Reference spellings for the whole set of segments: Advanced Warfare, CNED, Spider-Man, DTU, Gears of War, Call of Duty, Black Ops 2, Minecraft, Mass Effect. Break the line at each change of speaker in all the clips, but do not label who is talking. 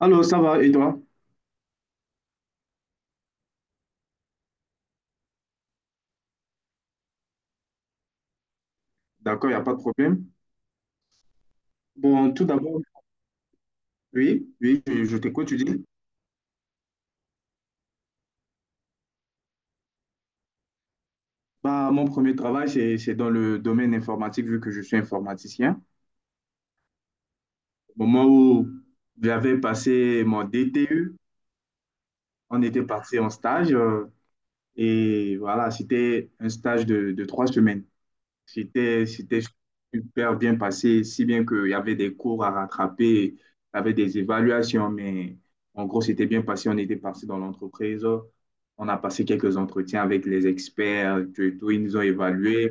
Alors, ça va, et toi? D'accord, il n'y a pas de problème. Bon, tout d'abord, oui, oui, je t'écoute, tu dis. Bah, mon premier travail, c'est dans le domaine informatique, vu que je suis informaticien. Au moment où j'avais passé mon DTU, on était parti en stage, et voilà, c'était un stage de trois semaines. C'était super bien passé, si bien qu'il y avait des cours à rattraper, il y avait des évaluations, mais en gros, c'était bien passé. On était parti dans l'entreprise, on a passé quelques entretiens avec les experts, tout, et tout, ils nous ont évalués.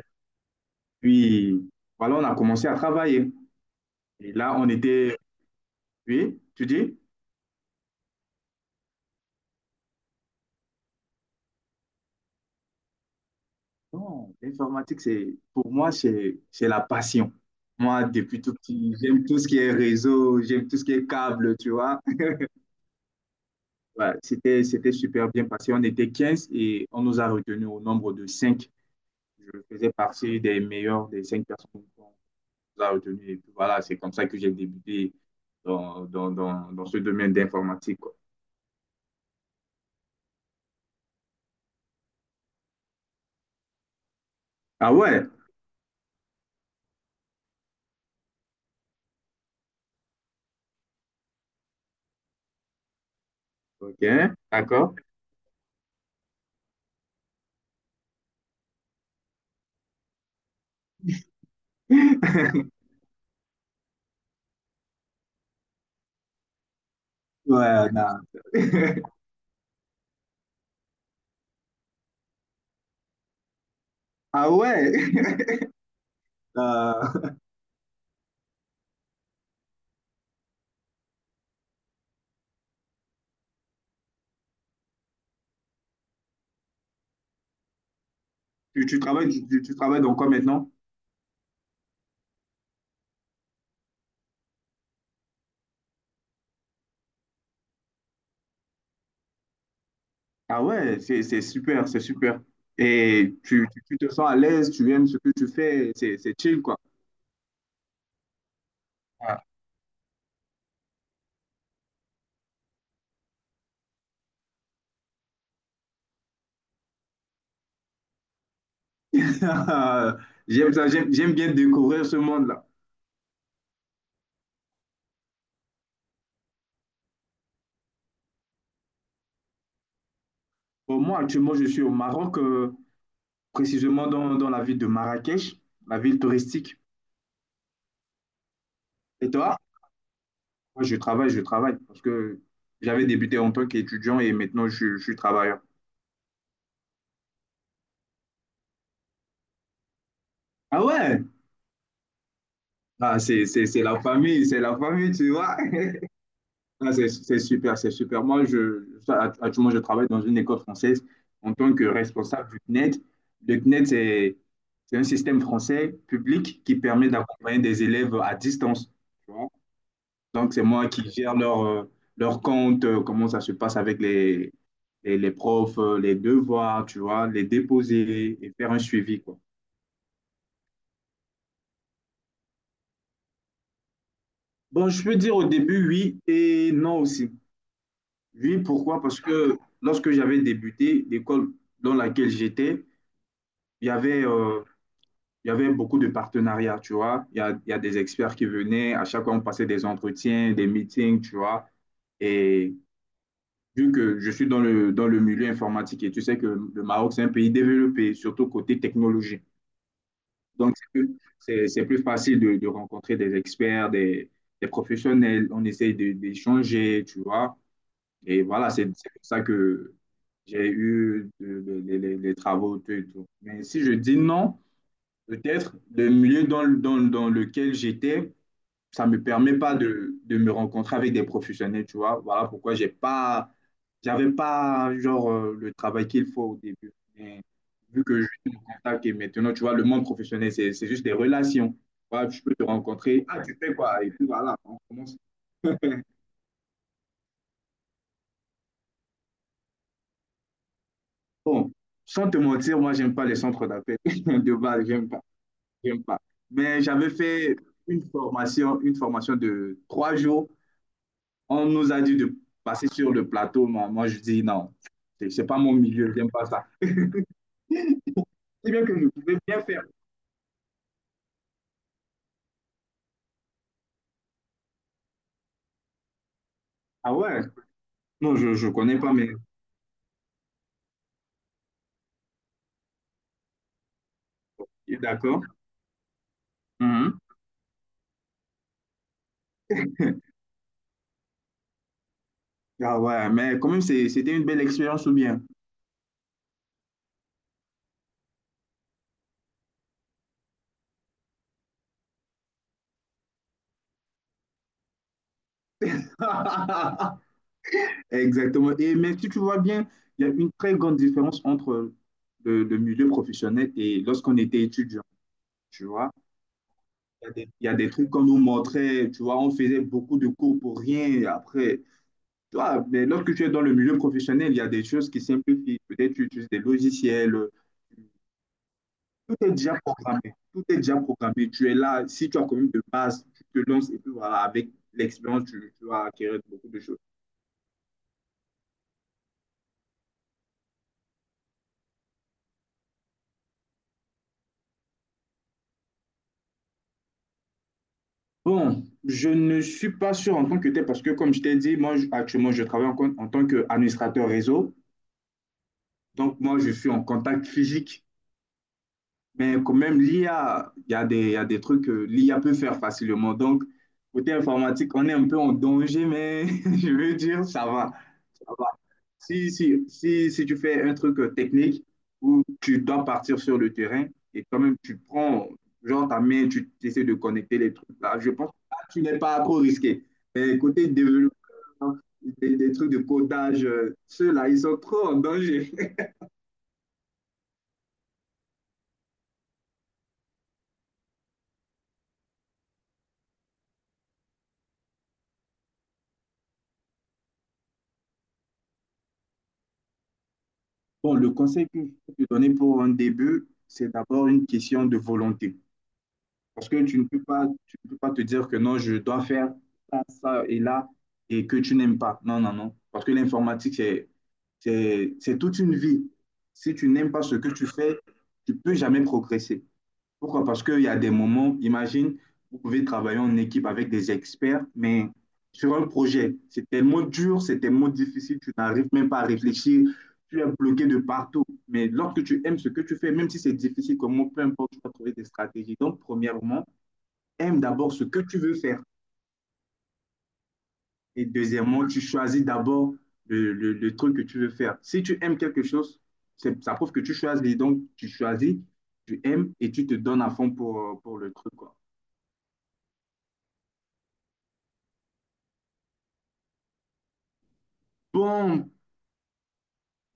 Puis, voilà, on a commencé à travailler. Et là, on était, oui, tu dis? Non, l'informatique, c'est, pour moi, c'est la passion. Moi, depuis tout petit, j'aime tout ce qui est réseau, j'aime tout ce qui est câble, tu vois. Ouais, c'était super bien passé. On était 15 et on nous a retenus au nombre de cinq. Je faisais partie des meilleurs des 5 personnes qu'on nous a retenus. Et puis voilà, c'est comme ça que j'ai débuté dans ce domaine d'informatique, quoi. Ah ouais, ok, d'accord. Ouais, non. Ah ouais. Euh, Tu, tu travailles donc quoi maintenant? Ah ouais, c'est super, c'est super. Et tu te sens à l'aise, tu aimes ce que tu fais, c'est chill, quoi. J'aime ça, j'aime, j'aime bien découvrir ce monde-là. Bon, moi, actuellement, je suis au Maroc, précisément dans la ville de Marrakech, la ville touristique. Et toi? Moi, je travaille, parce que j'avais débuté en tant qu'étudiant et maintenant, je suis travailleur. Ah ouais? Ah, c'est la famille, c'est la famille, tu vois. Ah, c'est super, c'est super. Moi, je, ça, actuellement, je travaille dans une école française en tant que responsable du CNED. Le CNED, c'est un système français public qui permet d'accompagner des élèves à distance, tu vois. Donc, c'est moi qui gère leur, leur compte, comment ça se passe avec les, les profs, les devoirs, tu vois, les déposer et faire un suivi, quoi. Bon, je peux dire au début oui et non aussi. Oui, pourquoi? Parce que lorsque j'avais débuté, l'école dans laquelle j'étais, il y avait, euh, il y avait beaucoup de partenariats, tu vois. Il y a des experts qui venaient, à chaque fois on passait des entretiens, des meetings, tu vois. Et vu que je suis dans le milieu informatique et tu sais que le Maroc, c'est un pays développé, surtout côté technologie. Donc, c'est plus facile de rencontrer des experts, des professionnels. On essaye d'échanger, tu vois. Et voilà, c'est pour ça que j'ai eu les travaux, tout et tout. Mais si je dis non, peut-être le milieu dans lequel j'étais, ça ne me permet pas de me rencontrer avec des professionnels, tu vois. Voilà pourquoi j'avais pas genre le travail qu'il faut au début. Mais vu que je t'attaque et maintenant, tu vois, le monde professionnel, c'est juste des relations. Voilà, je peux te rencontrer. Ah, tu fais quoi? Et puis voilà, on commence. Bon, sans te mentir, moi, j'aime pas les centres d'appel de base, j'aime pas. Mais j'avais fait une formation de trois jours. On nous a dit de passer sur le plateau. Moi, je dis non, c'est pas mon milieu, j'aime pas ça. C'est bien que je pouvais bien faire. Ah ouais? Non, je connais pas, mais d'accord. Mhm. Ah ouais, mais quand même, c'était une belle expérience ou bien? Exactement. Et mais si tu vois bien, il y a une très grande différence entre le milieu professionnel et lorsqu'on était étudiant. Tu vois, il y a des trucs qu'on nous montrait, tu vois, on faisait beaucoup de cours pour rien. Et après, toi, mais lorsque tu es dans le milieu professionnel, il y a des choses qui simplifient. Peut-être tu utilises des logiciels. Tout est déjà programmé. Tout est déjà programmé. Tu es là. Si tu as quand même de base, tu te lances et puis voilà, avec l'expérience, tu vas acquérir beaucoup de choses. Bon, je ne suis pas sûr en tant que tel parce que, comme je t'ai dit, moi, actuellement, je travaille en tant qu'administrateur réseau. Donc, moi, je suis en contact physique. Mais quand même, l'IA, il y a des trucs que l'IA peut faire facilement. Donc, côté informatique, on est un peu en danger, mais je veux dire, ça va. Ça va. Si tu fais un truc technique où tu dois partir sur le terrain et quand même tu prends, genre ta main, tu essaies de connecter les trucs là, je pense que là, tu n'es pas trop risqué. Mais côté développeur, des trucs de codage, ceux-là, ils sont trop en danger. Bon, le conseil que je peux te donner pour un début, c'est d'abord une question de volonté. Parce que tu ne peux pas te dire que non, je dois faire ça, ça et là, et que tu n'aimes pas. Non, non, non. Parce que l'informatique, c'est toute une vie. Si tu n'aimes pas ce que tu fais, tu ne peux jamais progresser. Pourquoi? Parce qu'il y a des moments, imagine, vous pouvez travailler en équipe avec des experts, mais sur un projet, c'est tellement dur, c'est tellement difficile, tu n'arrives même pas à réfléchir, tu es bloqué de partout. Mais lorsque tu aimes ce que tu fais, même si c'est difficile, comment, peu importe, tu vas trouver des stratégies. Donc, premièrement, aime d'abord ce que tu veux faire. Et deuxièmement, tu choisis d'abord le truc que tu veux faire. Si tu aimes quelque chose, ça prouve que tu choisis. Donc, tu choisis, tu aimes et tu te donnes à fond pour le truc, quoi. Bon,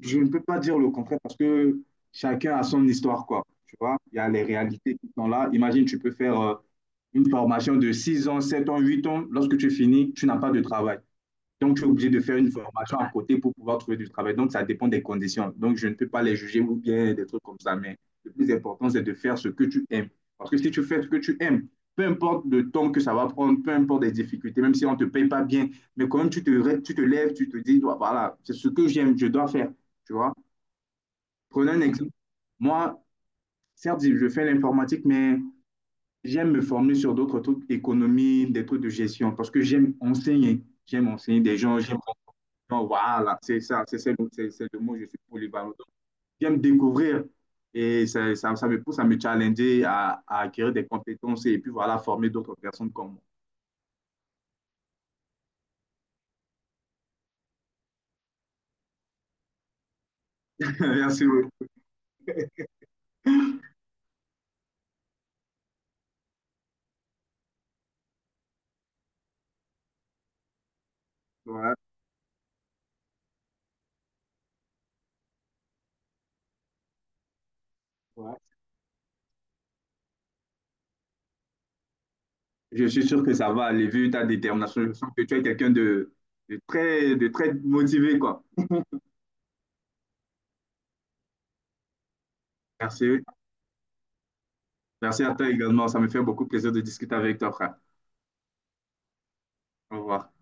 je ne peux pas dire le contraire parce que chacun a son histoire, quoi. Tu vois, il y a les réalités qui sont là. Imagine, tu peux faire une formation de 6 ans, 7 ans, 8 ans. Lorsque tu finis, tu n'as pas de travail. Donc, tu es obligé de faire une formation à côté pour pouvoir trouver du travail. Donc, ça dépend des conditions. Donc, je ne peux pas les juger ou bien des trucs comme ça. Mais le plus important, c'est de faire ce que tu aimes. Parce que si tu fais ce que tu aimes, peu importe le temps que ça va prendre, peu importe les difficultés, même si on ne te paye pas bien, mais quand même, tu te lèves, tu te dis, ouais, voilà, c'est ce que j'aime, je dois faire. Tu vois? Prenons un exemple. Moi, certes, je fais l'informatique, mais j'aime me former sur d'autres trucs, économie, des trucs de gestion, parce que j'aime enseigner. J'aime enseigner des gens, j'aime donc, voilà, c'est ça, c'est le mot, je suis polyvalent. Donc, j'aime découvrir et ça me pousse à me challenger, à acquérir des compétences et puis voilà, former d'autres personnes comme moi. Merci beaucoup. Ouais, ouais. Je suis sûr que ça va aller vu ta détermination. Je sens que tu es quelqu'un de, de très motivé, quoi. Merci. Merci à toi également. Ça me fait beaucoup plaisir de discuter avec toi, frère. Au revoir.